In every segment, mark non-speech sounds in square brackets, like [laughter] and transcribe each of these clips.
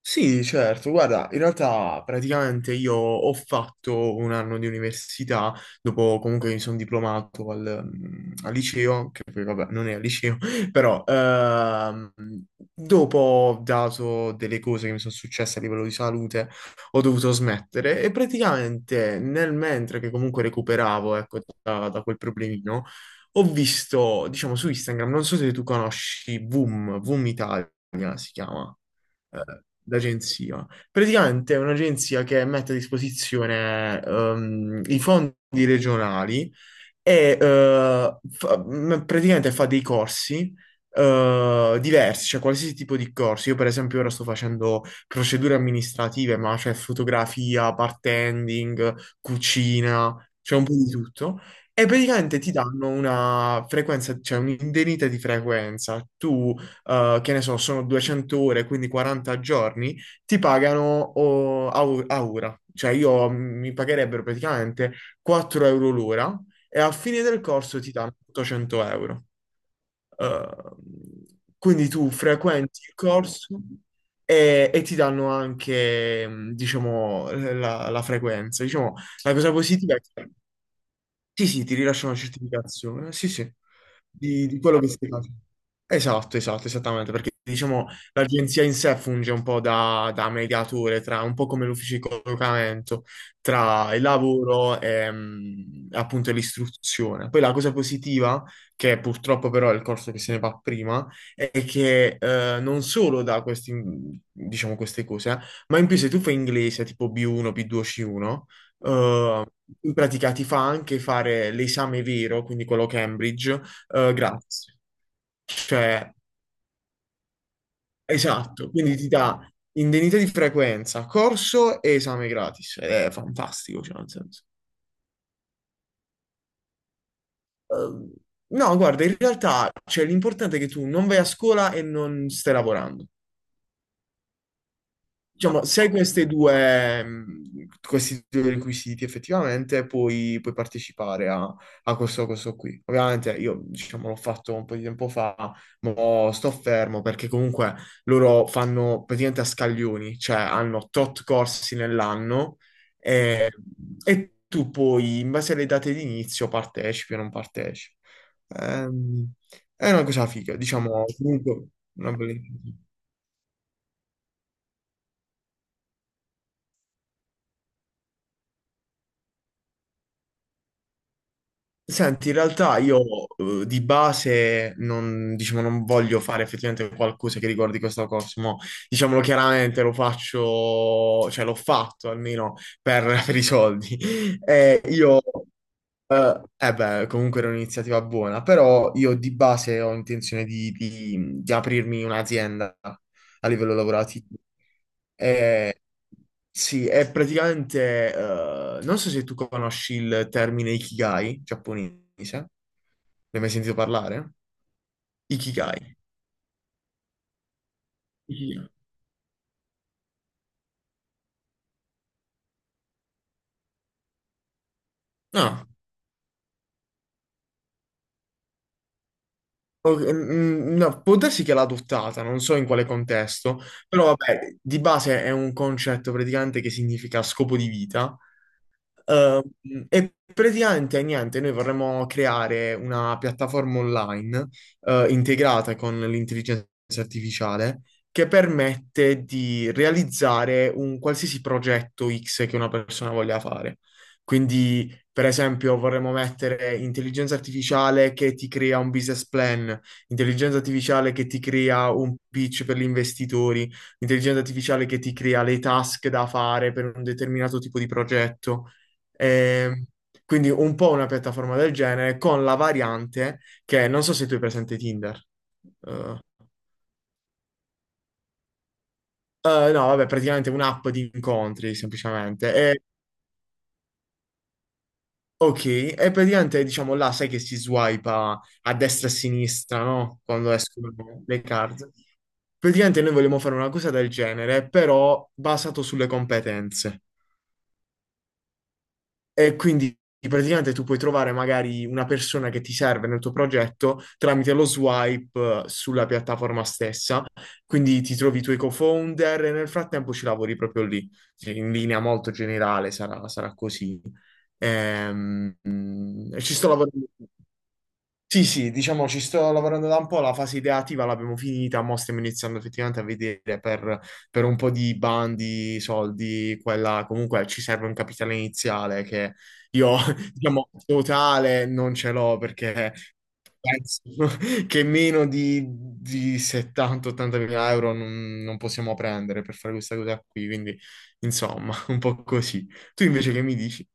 Sì, certo, guarda, in realtà praticamente io ho fatto un anno di università, dopo comunque mi sono diplomato al liceo, che poi vabbè non è al liceo, [laughs] però dopo ho dato delle cose che mi sono successe a livello di salute, ho dovuto smettere e praticamente nel mentre che comunque recuperavo, ecco, da quel problemino, ho visto, diciamo, su Instagram, non so se tu conosci Voom, Voom Italia si chiama d'agenzia. Praticamente è un'agenzia che mette a disposizione i fondi regionali e praticamente fa dei corsi diversi, cioè qualsiasi tipo di corsi. Io per esempio ora sto facendo procedure amministrative, ma c'è fotografia, bartending, cucina, c'è un po' di tutto. E praticamente ti danno una frequenza, cioè un'indennità di frequenza. Tu che ne so, sono 200 ore, quindi 40 giorni, ti pagano a ora. Cioè io mi pagherebbero praticamente 4 euro l'ora e alla fine del corso ti danno 800 euro. Eh, quindi tu frequenti il corso e ti danno anche, diciamo, la frequenza. Diciamo, la cosa positiva è che sì, sì, ti rilascia una certificazione, sì, sì, di quello che stai facendo. Esatto, esatto, esattamente, perché diciamo l'agenzia in sé funge un po' da mediatore, tra, un po' come l'ufficio di collocamento, tra il lavoro e appunto l'istruzione. Poi la cosa positiva, che purtroppo però è il corso che se ne va prima, è che non solo da questi, diciamo, queste cose, ma in più se tu fai inglese tipo B1, B2, C1, eh, in pratica ti fa anche fare l'esame vero, quindi quello Cambridge, gratis. Cioè, esatto, quindi ti dà indennità di frequenza, corso e esame gratis. Ed è fantastico, cioè, nel senso. Eh, no, guarda, in realtà, cioè, l'importante è che tu non vai a scuola e non stai lavorando. Diciamo, se hai queste due, questi due requisiti effettivamente puoi partecipare a questo qui. Ovviamente io, diciamo, l'ho fatto un po' di tempo fa, ma sto fermo perché comunque loro fanno praticamente a scaglioni, cioè hanno tot corsi nell'anno e, e tu poi, in base alle date di inizio, partecipi o non partecipi. Ehm, è una cosa figa, diciamo, comunque una bella iniziativa. Senti, in realtà io di base non, diciamo, non voglio fare effettivamente qualcosa che riguardi questo corso, mo, diciamolo chiaramente, lo faccio, cioè l'ho fatto almeno [laughs] per i soldi. Io eh beh, comunque era un'iniziativa buona, però io di base ho intenzione di aprirmi un'azienda a livello lavorativo. Eh, sì, è praticamente, non so se tu conosci il termine Ikigai giapponese, ne hai mai sentito parlare? Ikigai. Ikigai. No. Ok, no, può darsi che l'ha adottata, non so in quale contesto, però vabbè, di base è un concetto praticamente che significa scopo di vita. Eh, e praticamente niente, noi vorremmo creare una piattaforma online integrata con l'intelligenza artificiale che permette di realizzare un qualsiasi progetto X che una persona voglia fare. Quindi, per esempio, vorremmo mettere intelligenza artificiale che ti crea un business plan, intelligenza artificiale che ti crea un pitch per gli investitori, intelligenza artificiale che ti crea le task da fare per un determinato tipo di progetto. Ehm, quindi un po' una piattaforma del genere con la variante che non so se tu hai presente Tinder. Eh, no, vabbè, praticamente un'app di incontri semplicemente. Ok, e praticamente diciamo là sai che si swipa a destra e a sinistra, no? Quando escono le card. Praticamente noi vogliamo fare una cosa del genere, però basato sulle competenze. E quindi praticamente tu puoi trovare magari una persona che ti serve nel tuo progetto tramite lo swipe sulla piattaforma stessa. Quindi ti trovi i tuoi co-founder e nel frattempo ci lavori proprio lì. Cioè, in linea molto generale sarà così. Ci sto lavorando. Sì, sì, diciamo ci sto lavorando da un po', la fase ideativa l'abbiamo finita, mo stiamo iniziando effettivamente a vedere per un po' di bandi, soldi, quella comunque ci serve un capitale iniziale che io, [laughs] diciamo, totale non ce l'ho perché penso [laughs] che meno di 70-80 mila euro non possiamo prendere per fare questa cosa qui, quindi insomma, [laughs] un po' così. Tu invece che mi dici?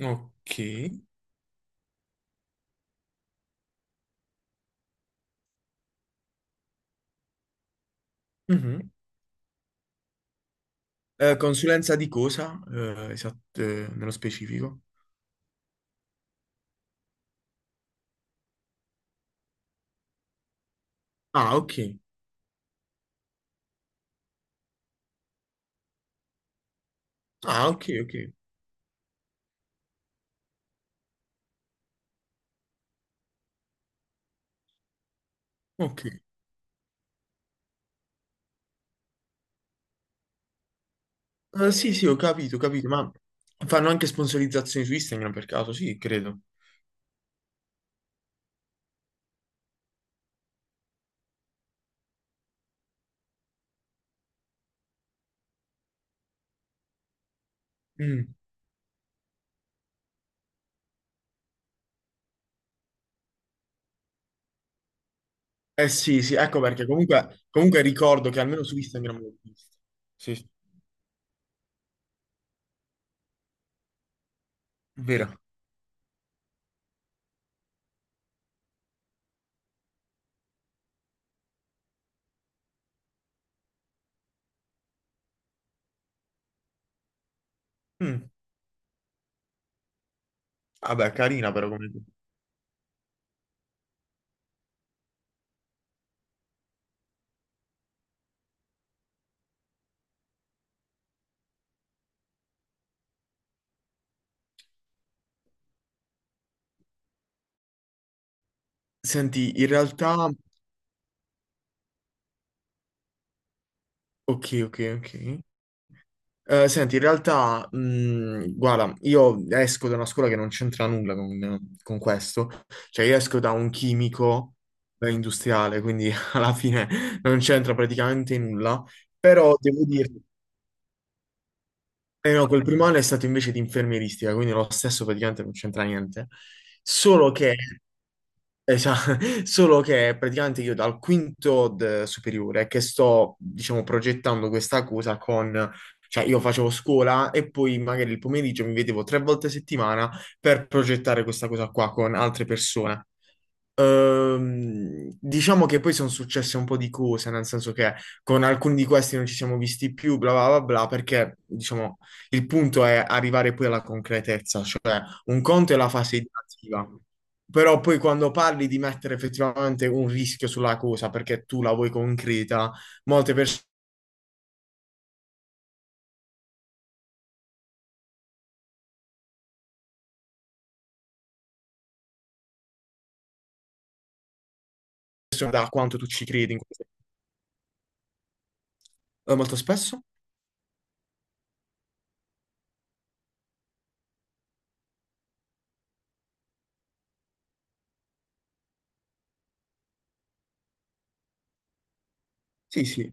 Ok. Mhm. Consulenza di cosa? Esatto, nello specifico. Ah, ok. Ah, ok, ok. Ok. Sì, sì, ho capito, ma fanno anche sponsorizzazioni su Instagram per caso, sì, credo. Mm. Eh sì, sì, ecco perché comunque, ricordo che almeno su Instagram l'ho visto. Sì, sì. Vero. Mm. Vabbè, carina però come. Senti, in realtà. Ok, ok, ok. Senti, in realtà, guarda, io esco da una scuola che non c'entra nulla con questo, cioè io esco da un chimico industriale, quindi [laughs] alla fine non c'entra praticamente nulla, però devo dirti, eh no, quel primo anno è stato invece di infermieristica, quindi lo stesso praticamente non c'entra niente, solo che. Esatto, [laughs] solo che praticamente io dal quinto superiore che sto, diciamo, progettando questa cosa con, cioè io facevo scuola e poi magari il pomeriggio mi vedevo tre volte a settimana per progettare questa cosa qua con altre persone. Diciamo che poi sono successe un po' di cose, nel senso che con alcuni di questi non ci siamo visti più, bla bla bla bla, perché diciamo il punto è arrivare poi alla concretezza, cioè un conto è la fase ideativa, però poi quando parli di mettere effettivamente un rischio sulla cosa perché tu la vuoi concreta, molte persone da quanto tu ci credi in questo. Molto spesso? Sì, sì.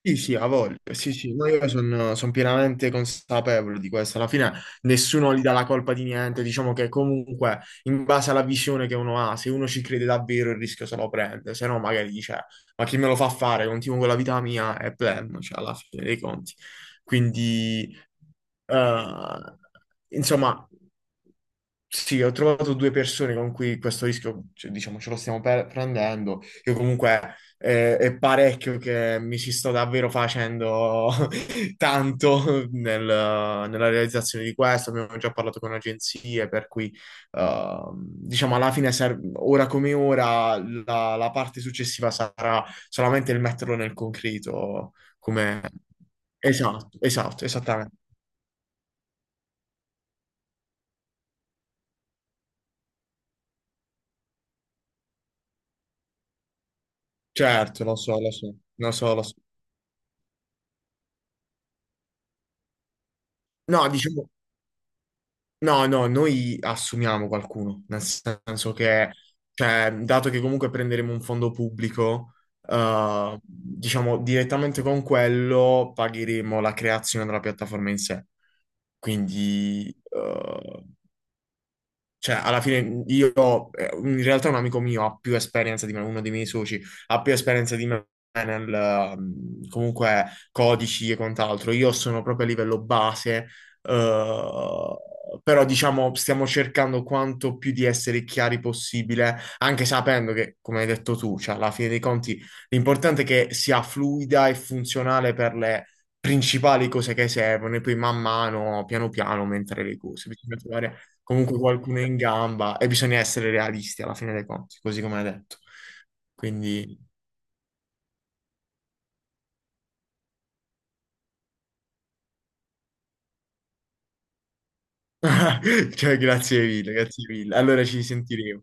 Sì, sì, ha voglia. Sì, sì, ma io sono pienamente consapevole di questo. Alla fine nessuno gli dà la colpa di niente. Diciamo che comunque, in base alla visione che uno ha, se uno ci crede davvero, il rischio se lo prende. Se no, magari dice, ma chi me lo fa fare? Continuo con la vita mia e pleno, cioè, alla fine dei conti. Quindi, eh, insomma. Sì, ho trovato due persone con cui questo rischio, cioè, diciamo, ce lo stiamo prendendo. Io comunque è parecchio che mi ci sto davvero facendo [laughs] tanto nella realizzazione di questo. Abbiamo già parlato con agenzie, per cui diciamo alla fine, ora come ora, la parte successiva sarà solamente il metterlo nel concreto. Come? Esatto, esatto, esattamente. Certo, lo so, lo so, lo so, lo so. No, diciamo. No, no, noi assumiamo qualcuno, nel senso che, cioè, dato che comunque prenderemo un fondo pubblico, diciamo direttamente con quello pagheremo la creazione della piattaforma in sé. Quindi, cioè, alla fine io, in realtà un amico mio ha più esperienza di me, uno dei miei soci, ha più esperienza di me nel, comunque, codici e quant'altro. Io sono proprio a livello base, eh, però diciamo stiamo cercando quanto più di essere chiari possibile, anche sapendo che, come hai detto tu, cioè, alla fine dei conti l'importante è che sia fluida e funzionale per le principali cose che servono e poi man mano, piano piano, aumentare le cose. Bisogna trovare comunque qualcuno è in gamba e bisogna essere realisti alla fine dei conti, così come hai detto. Quindi, [laughs] cioè, grazie mille, grazie mille. Allora ci sentiremo.